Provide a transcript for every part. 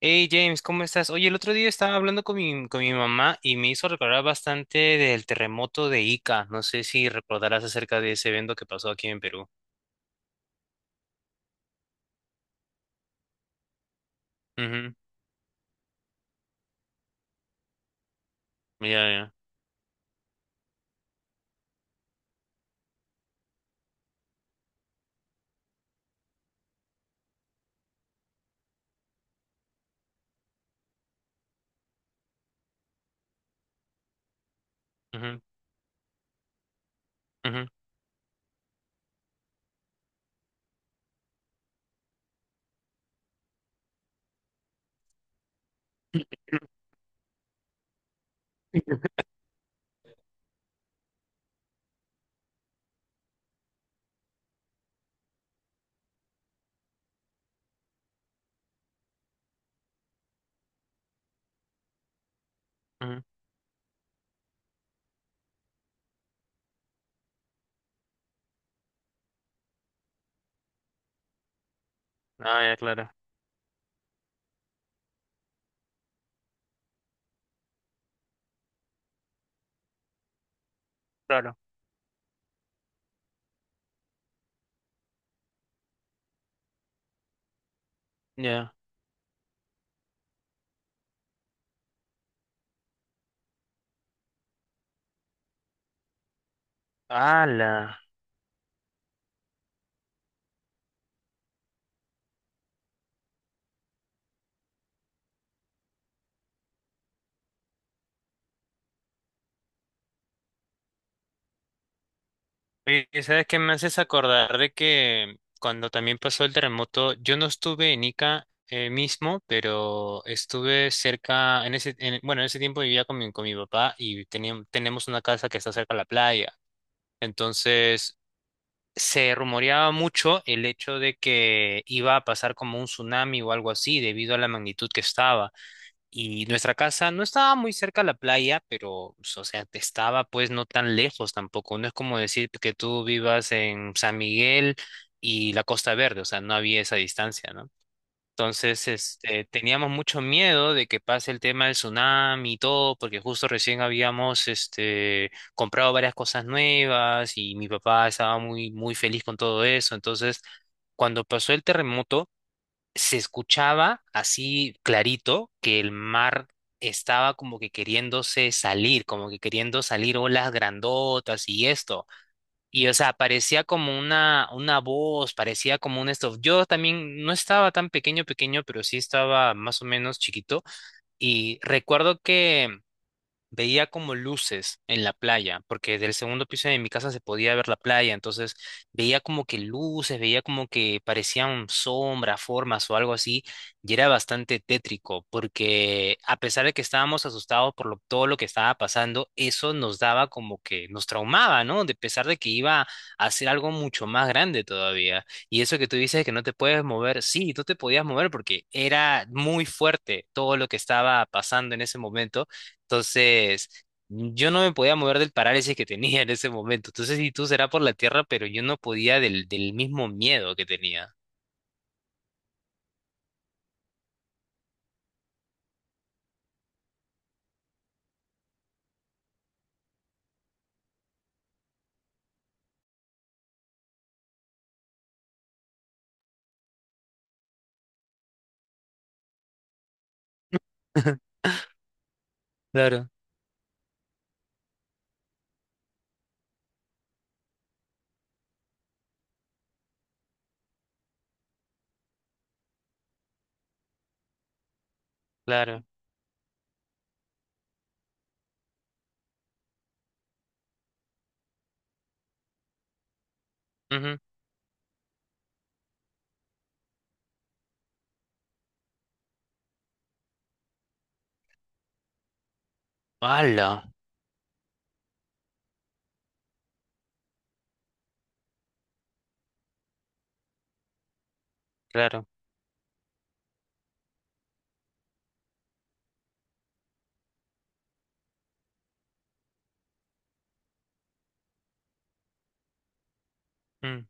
Hey James, ¿cómo estás? Oye, el otro día estaba hablando con mi mamá y me hizo recordar bastante del terremoto de Ica. No sé si recordarás acerca de ese evento que pasó aquí en Perú. Ujú. Ya, ya. Ujú, ujú, ujú. Ah, ya, claro. Claro. Ya. ¡Hala! Oye, ¿sabes qué me haces acordar de que cuando también pasó el terremoto, yo no estuve en Ica mismo, pero estuve cerca, bueno, en ese tiempo vivía con mi papá y tenemos una casa que está cerca de la playa. Entonces, se rumoreaba mucho el hecho de que iba a pasar como un tsunami o algo así debido a la magnitud que estaba. Y nuestra casa no estaba muy cerca a la playa, pero, pues, o sea, te estaba pues no tan lejos tampoco. No es como decir que tú vivas en San Miguel y la Costa Verde, o sea, no había esa distancia, ¿no? Entonces, este, teníamos mucho miedo de que pase el tema del tsunami y todo, porque justo recién habíamos, este, comprado varias cosas nuevas y mi papá estaba muy, muy feliz con todo eso. Entonces, cuando pasó el terremoto, se escuchaba así clarito que el mar estaba como que queriéndose salir, como que queriendo salir olas grandotas y esto. Y, o sea, parecía como una voz, parecía como un esto. Yo también no estaba tan pequeño, pequeño, pero sí estaba más o menos chiquito. Y recuerdo que veía como luces en la playa, porque del segundo piso de mi casa se podía ver la playa, entonces veía como que luces, veía como que parecían sombras, formas o algo así, y era bastante tétrico, porque a pesar de que estábamos asustados todo lo que estaba pasando, eso nos daba como que nos traumaba, ¿no? De pesar de que iba a ser algo mucho más grande todavía. Y eso que tú dices que no te puedes mover, sí, tú te podías mover porque era muy fuerte todo lo que estaba pasando en ese momento, entonces yo no me podía mover del parálisis que tenía en ese momento. Entonces, si tú será por la tierra, pero yo no podía del mismo miedo que tenía. Claro, claro. Ujú. ¡Hala! Claro. Mm.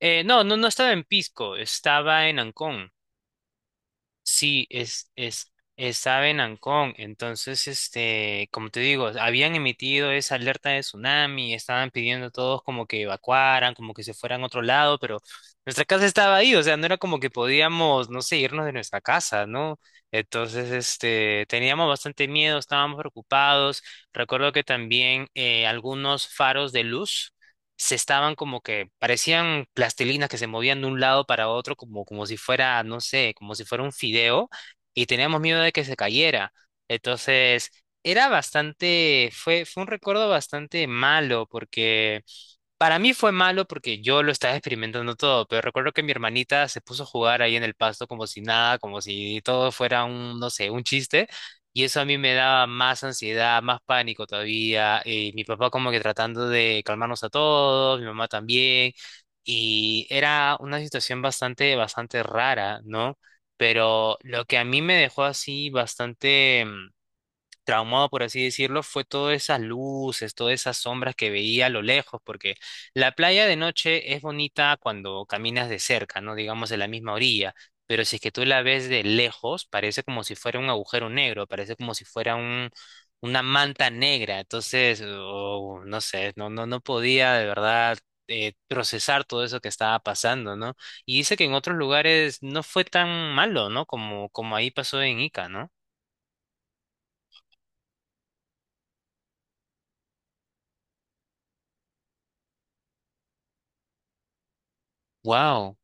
No, no, no estaba en Pisco, estaba en Ancón. Sí, estaba en Ancón, entonces, este, como te digo, habían emitido esa alerta de tsunami, estaban pidiendo a todos como que evacuaran, como que se fueran a otro lado, pero nuestra casa estaba ahí, o sea, no era como que podíamos, no sé, irnos de nuestra casa, ¿no? Entonces, este, teníamos bastante miedo, estábamos preocupados. Recuerdo que también algunos faros de luz se estaban como que parecían plastilinas que se movían de un lado para otro como, como si fuera, no sé, como si fuera un fideo y teníamos miedo de que se cayera. Entonces, era bastante, fue un recuerdo bastante malo porque para mí fue malo porque yo lo estaba experimentando todo, pero recuerdo que mi hermanita se puso a jugar ahí en el pasto como si nada, como si todo fuera un, no sé, un chiste, y eso a mí me daba más ansiedad, más pánico todavía, y mi papá como que tratando de calmarnos a todos, mi mamá también, y era una situación bastante, bastante rara, ¿no? Pero lo que a mí me dejó así bastante traumado, por así decirlo, fue todas esas luces, todas esas sombras que veía a lo lejos, porque la playa de noche es bonita cuando caminas de cerca, ¿no? Digamos de la misma orilla, pero si es que tú la ves de lejos, parece como si fuera un agujero negro, parece como si fuera un, una manta negra, entonces, oh, no sé, no, no, no podía de verdad procesar todo eso que estaba pasando, ¿no? Y dice que en otros lugares no fue tan malo, ¿no? Como, como ahí pasó en Ica, ¿no? Wow.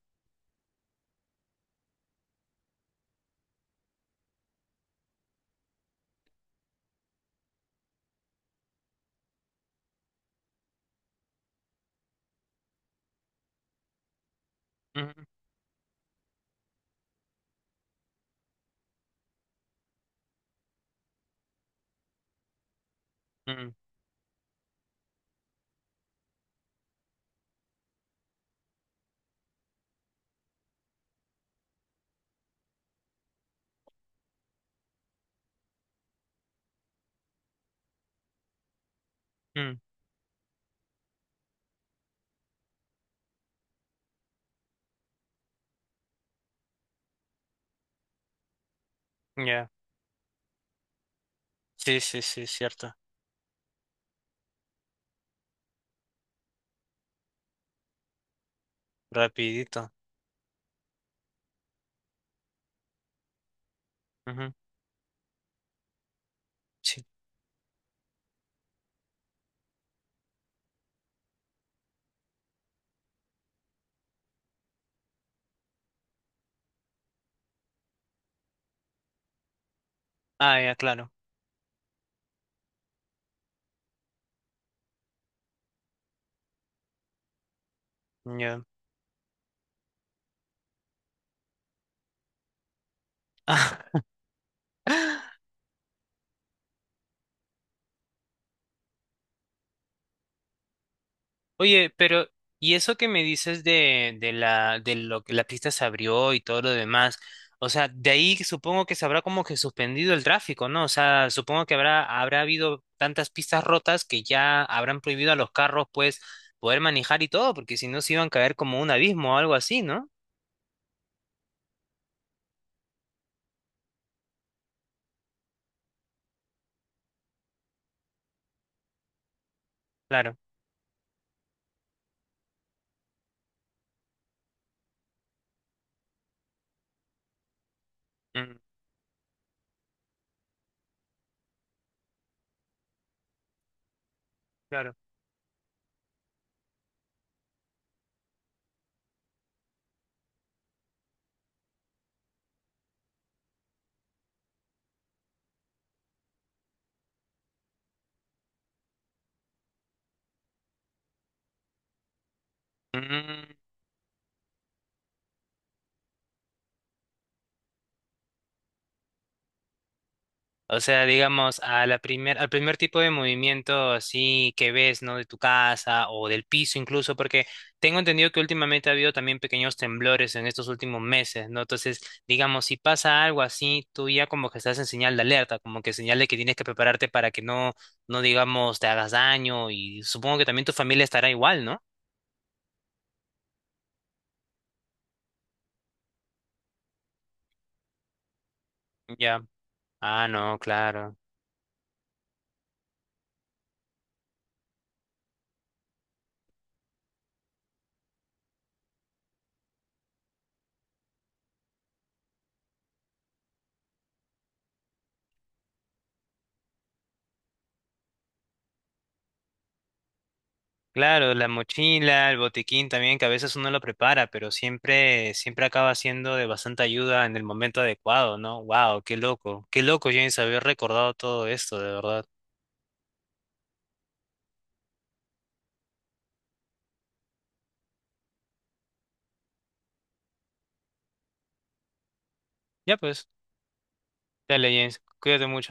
Mm, ya. Sí, sí, sí, cierto. Rapidito. Ujú. Sí. Ah, ya, claro. Ya. Oye, pero, ¿y eso que me dices de lo que la pista se abrió y todo lo demás? O sea, de ahí supongo que se habrá como que suspendido el tráfico, ¿no? O sea, supongo que habrá habido tantas pistas rotas que ya habrán prohibido a los carros, pues, poder manejar y todo, porque si no se iban a caer como un abismo o algo así, ¿no? Claro. Mm, claro. Mm. O sea, digamos, al primer tipo de movimiento así que ves, ¿no? De tu casa o del piso incluso, porque tengo entendido que últimamente ha habido también pequeños temblores en estos últimos meses, ¿no? Entonces, digamos, si pasa algo así, tú ya como que estás en señal de alerta, como que señal de que tienes que prepararte para que no, no digamos, te hagas daño, y supongo que también tu familia estará igual, ¿no? Ya. Ah, no, claro. Claro, la mochila, el botiquín también, que a veces uno lo prepara, pero siempre, siempre acaba siendo de bastante ayuda en el momento adecuado, ¿no? Wow, qué loco, James, haber recordado todo esto, de verdad. Ya pues, dale, James, cuídate mucho.